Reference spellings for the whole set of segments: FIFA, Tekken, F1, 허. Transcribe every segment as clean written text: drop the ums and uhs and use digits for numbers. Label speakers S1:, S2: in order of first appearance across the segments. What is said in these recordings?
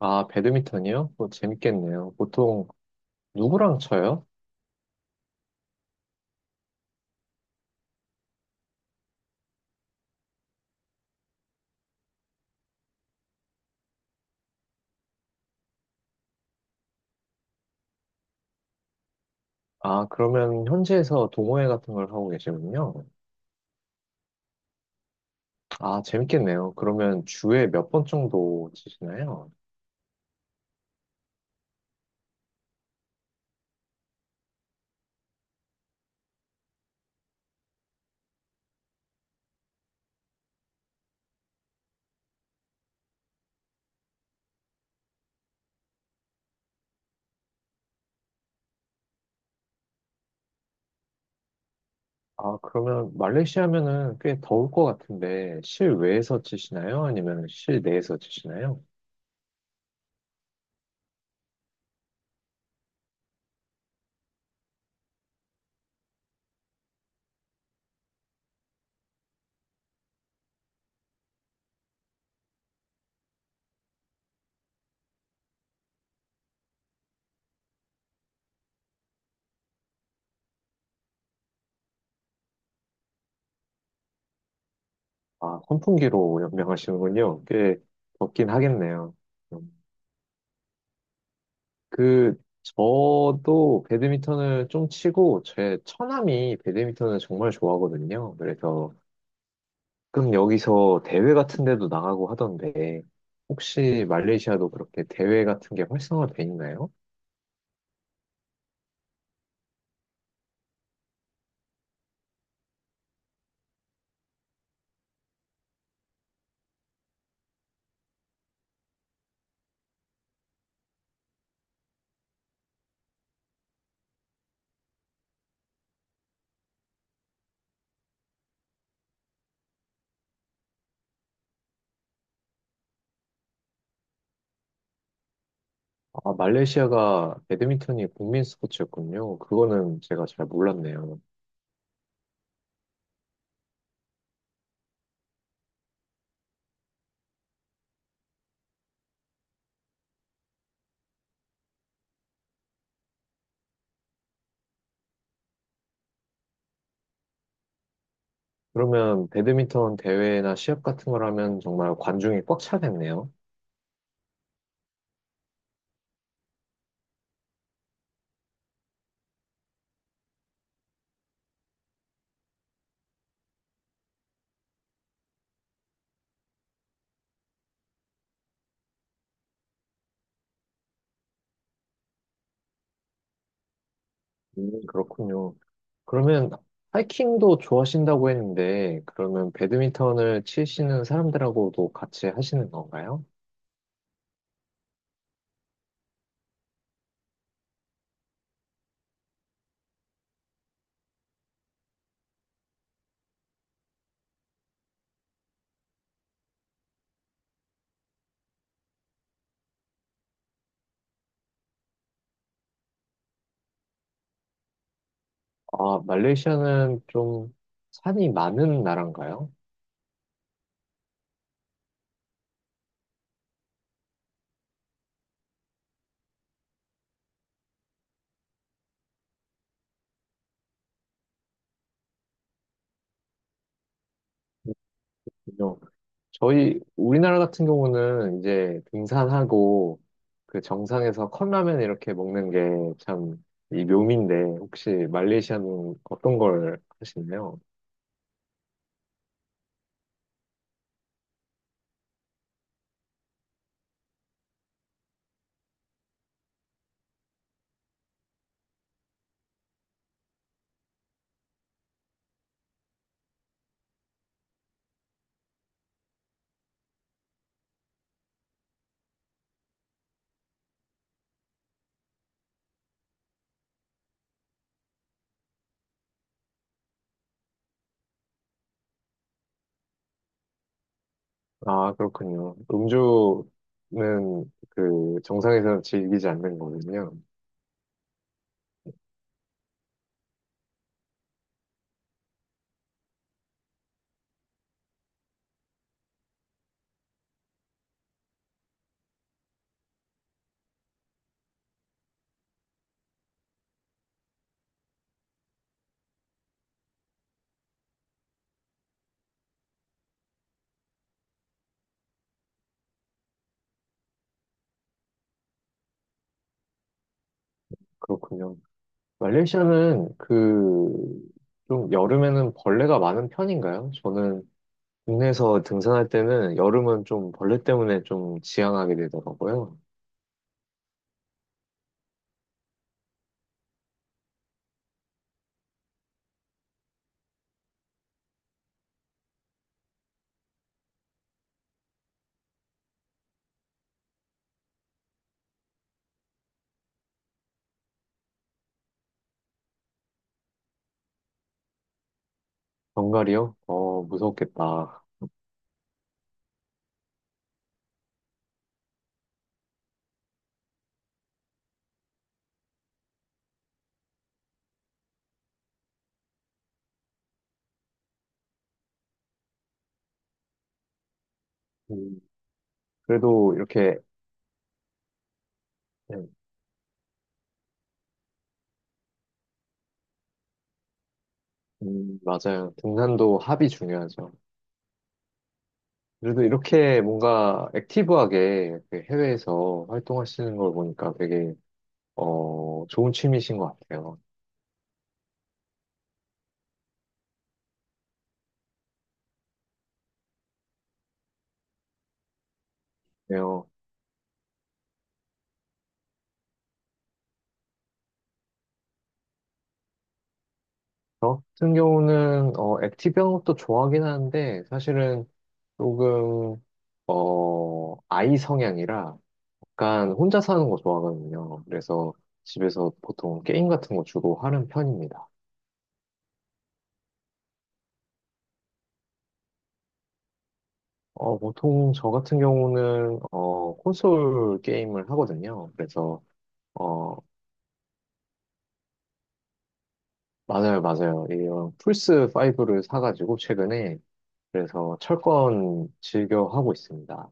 S1: 아, 배드민턴이요? 뭐 재밌겠네요. 보통 누구랑 쳐요? 아, 그러면 현지에서 동호회 같은 걸 하고 계시군요. 아, 재밌겠네요. 그러면 주에 몇 번 정도 치시나요? 아, 그러면 말레이시아면은 꽤 더울 것 같은데 실외에서 치시나요? 아니면 실내에서 치시나요? 아, 선풍기로 연명하시는군요. 꽤 덥긴 하겠네요. 음, 그 저도 배드민턴을 좀 치고 제 처남이 배드민턴을 정말 좋아하거든요. 그래서 그럼 여기서 대회 같은 데도 나가고 하던데, 혹시 말레이시아도 그렇게 대회 같은 게 활성화돼 있나요? 아, 말레이시아가 배드민턴이 국민 스포츠였군요. 그거는 제가 잘 몰랐네요. 그러면 배드민턴 대회나 시합 같은 걸 하면 정말 관중이 꽉 차겠네요. 그렇군요. 그러면 하이킹도 좋아하신다고 했는데, 그러면 배드민턴을 치시는 사람들하고도 같이 하시는 건가요? 아, 말레이시아는 좀 산이 많은 나라인가요? 그죠. 저희 우리나라 같은 경우는 이제 등산하고 그 정상에서 컵라면 이렇게 먹는 게 참 이 묘미인데 혹시 말레이시아는 어떤 걸 하시나요? 아, 그렇군요. 음주는 그 정상에서 즐기지 않는 거군요. 그렇군요. 말레이시아는 그 좀 여름에는 벌레가 많은 편인가요? 저는 국내에서 등산할 때는 여름은 좀 벌레 때문에 좀 지양하게 되더라고요. 정갈이요? 무섭겠다. 음, 그래도 이렇게, 네, 맞아요. 등산도 합이 중요하죠. 그래도 이렇게 뭔가 액티브하게 이렇게 해외에서 활동하시는 걸 보니까 되게, 좋은 취미신 것 같아요. 그래요. 저 같은 경우는, 액티브한 것도 좋아하긴 하는데, 사실은 조금, 어, 아이 성향이라 약간 혼자 사는 거 좋아하거든요. 그래서 집에서 보통 게임 같은 거 주로 하는 편입니다. 보통 저 같은 경우는 콘솔 게임을 하거든요. 그래서 어, 맞아요, 맞아요. 이런 플스 5를 사가지고 최근에 그래서 철권 즐겨 하고 있습니다.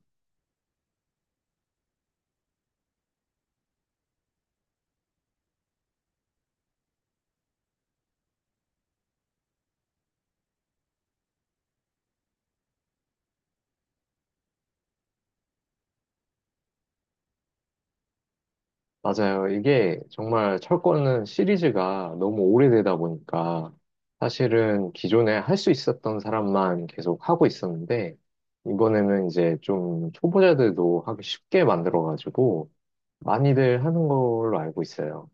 S1: 맞아요. 이게 정말 철권은 시리즈가 너무 오래되다 보니까 사실은 기존에 할 수 있었던 사람만 계속 하고 있었는데 이번에는 이제 좀 초보자들도 하기 쉽게 만들어가지고 많이들 하는 걸로 알고 있어요.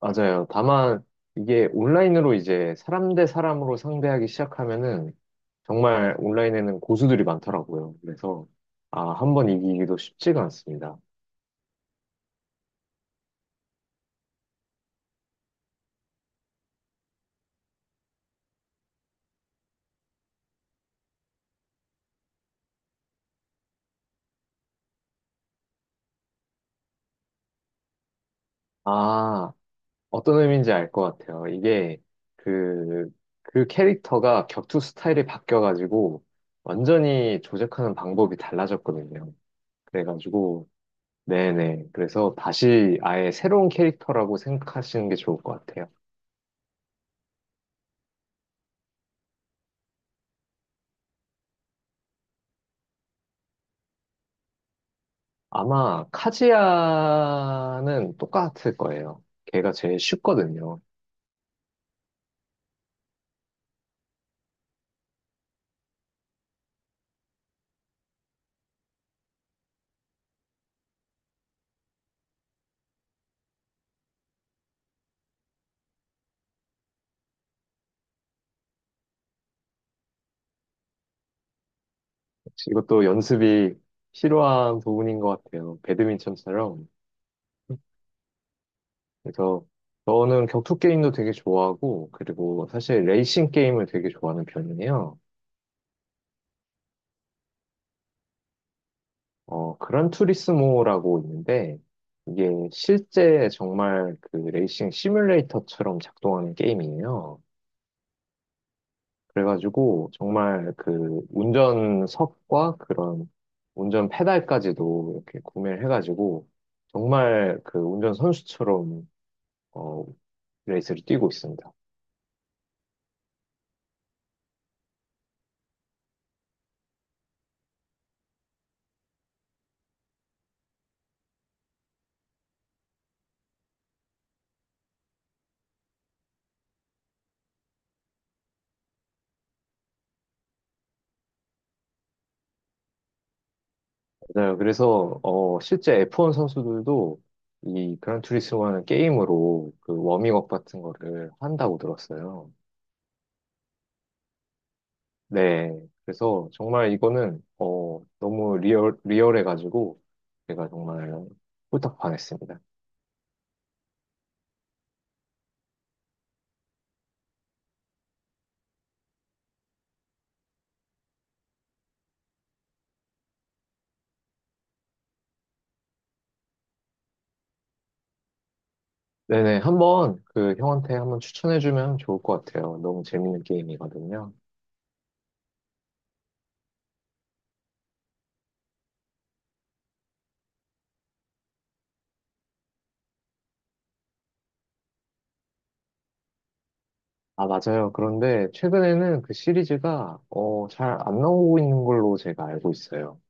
S1: 맞아요. 다만 이게 온라인으로 이제 사람 대 사람으로 상대하기 시작하면은 정말 온라인에는 고수들이 많더라고요. 그래서 아, 한 번 이기기도 쉽지가 않습니다. 아, 어떤 의미인지 알 것 같아요. 그, 그 캐릭터가 격투 스타일이 바뀌어가지고 완전히 조작하는 방법이 달라졌거든요. 그래가지고, 네네. 그래서 다시 아예 새로운 캐릭터라고 생각하시는 게 좋을 것 같아요. 아마 카지아는 똑같을 거예요. 걔가 제일 쉽거든요. 이것도 연습이 필요한 부분인 것 같아요. 배드민턴처럼. 그래서 저는 격투 게임도 되게 좋아하고, 그리고 사실 레이싱 게임을 되게 좋아하는 편이에요. 그란 투리스모라고 있는데, 이게 실제 정말 그 레이싱 시뮬레이터처럼 작동하는 게임이에요. 그래가지고 정말 그 운전석과 그런 운전 페달까지도 이렇게 구매를 해가지고 정말 그 운전 선수처럼 어 레이스를 뛰고 있습니다. 맞아요. 그래서 실제 F1 선수들도 이 그란투리스모라는 게임으로 그 워밍업 같은 거를 한다고 들었어요. 네. 그래서 정말 이거는 너무 리얼해가지고 제가 정말 홀딱 반했습니다. 네네, 한번 그 형한테 한번 추천해주면 좋을 것 같아요. 너무 재밌는 게임이거든요. 아, 맞아요. 그런데 최근에는 그 시리즈가 잘 안 나오고 있는 걸로 제가 알고 있어요.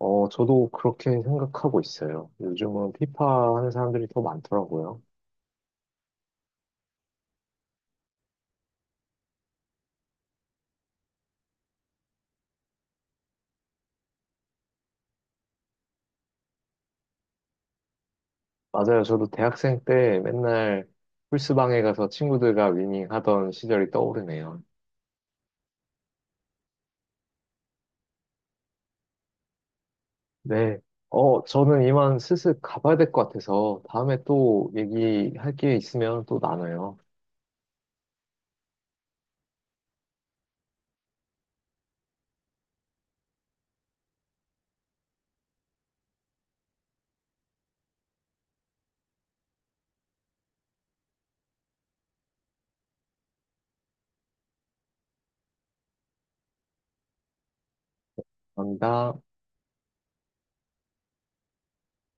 S1: 저도 그렇게 생각하고 있어요. 요즘은 피파 하는 사람들이 더 많더라고요. 맞아요. 저도 대학생 때 맨날 풀스방에 가서 친구들과 위닝 하던 시절이 떠오르네요. 네. 저는 이만 슬슬 가봐야 될 것 같아서 다음에 또 얘기할 게 있으면 또 나눠요. 감사합니다.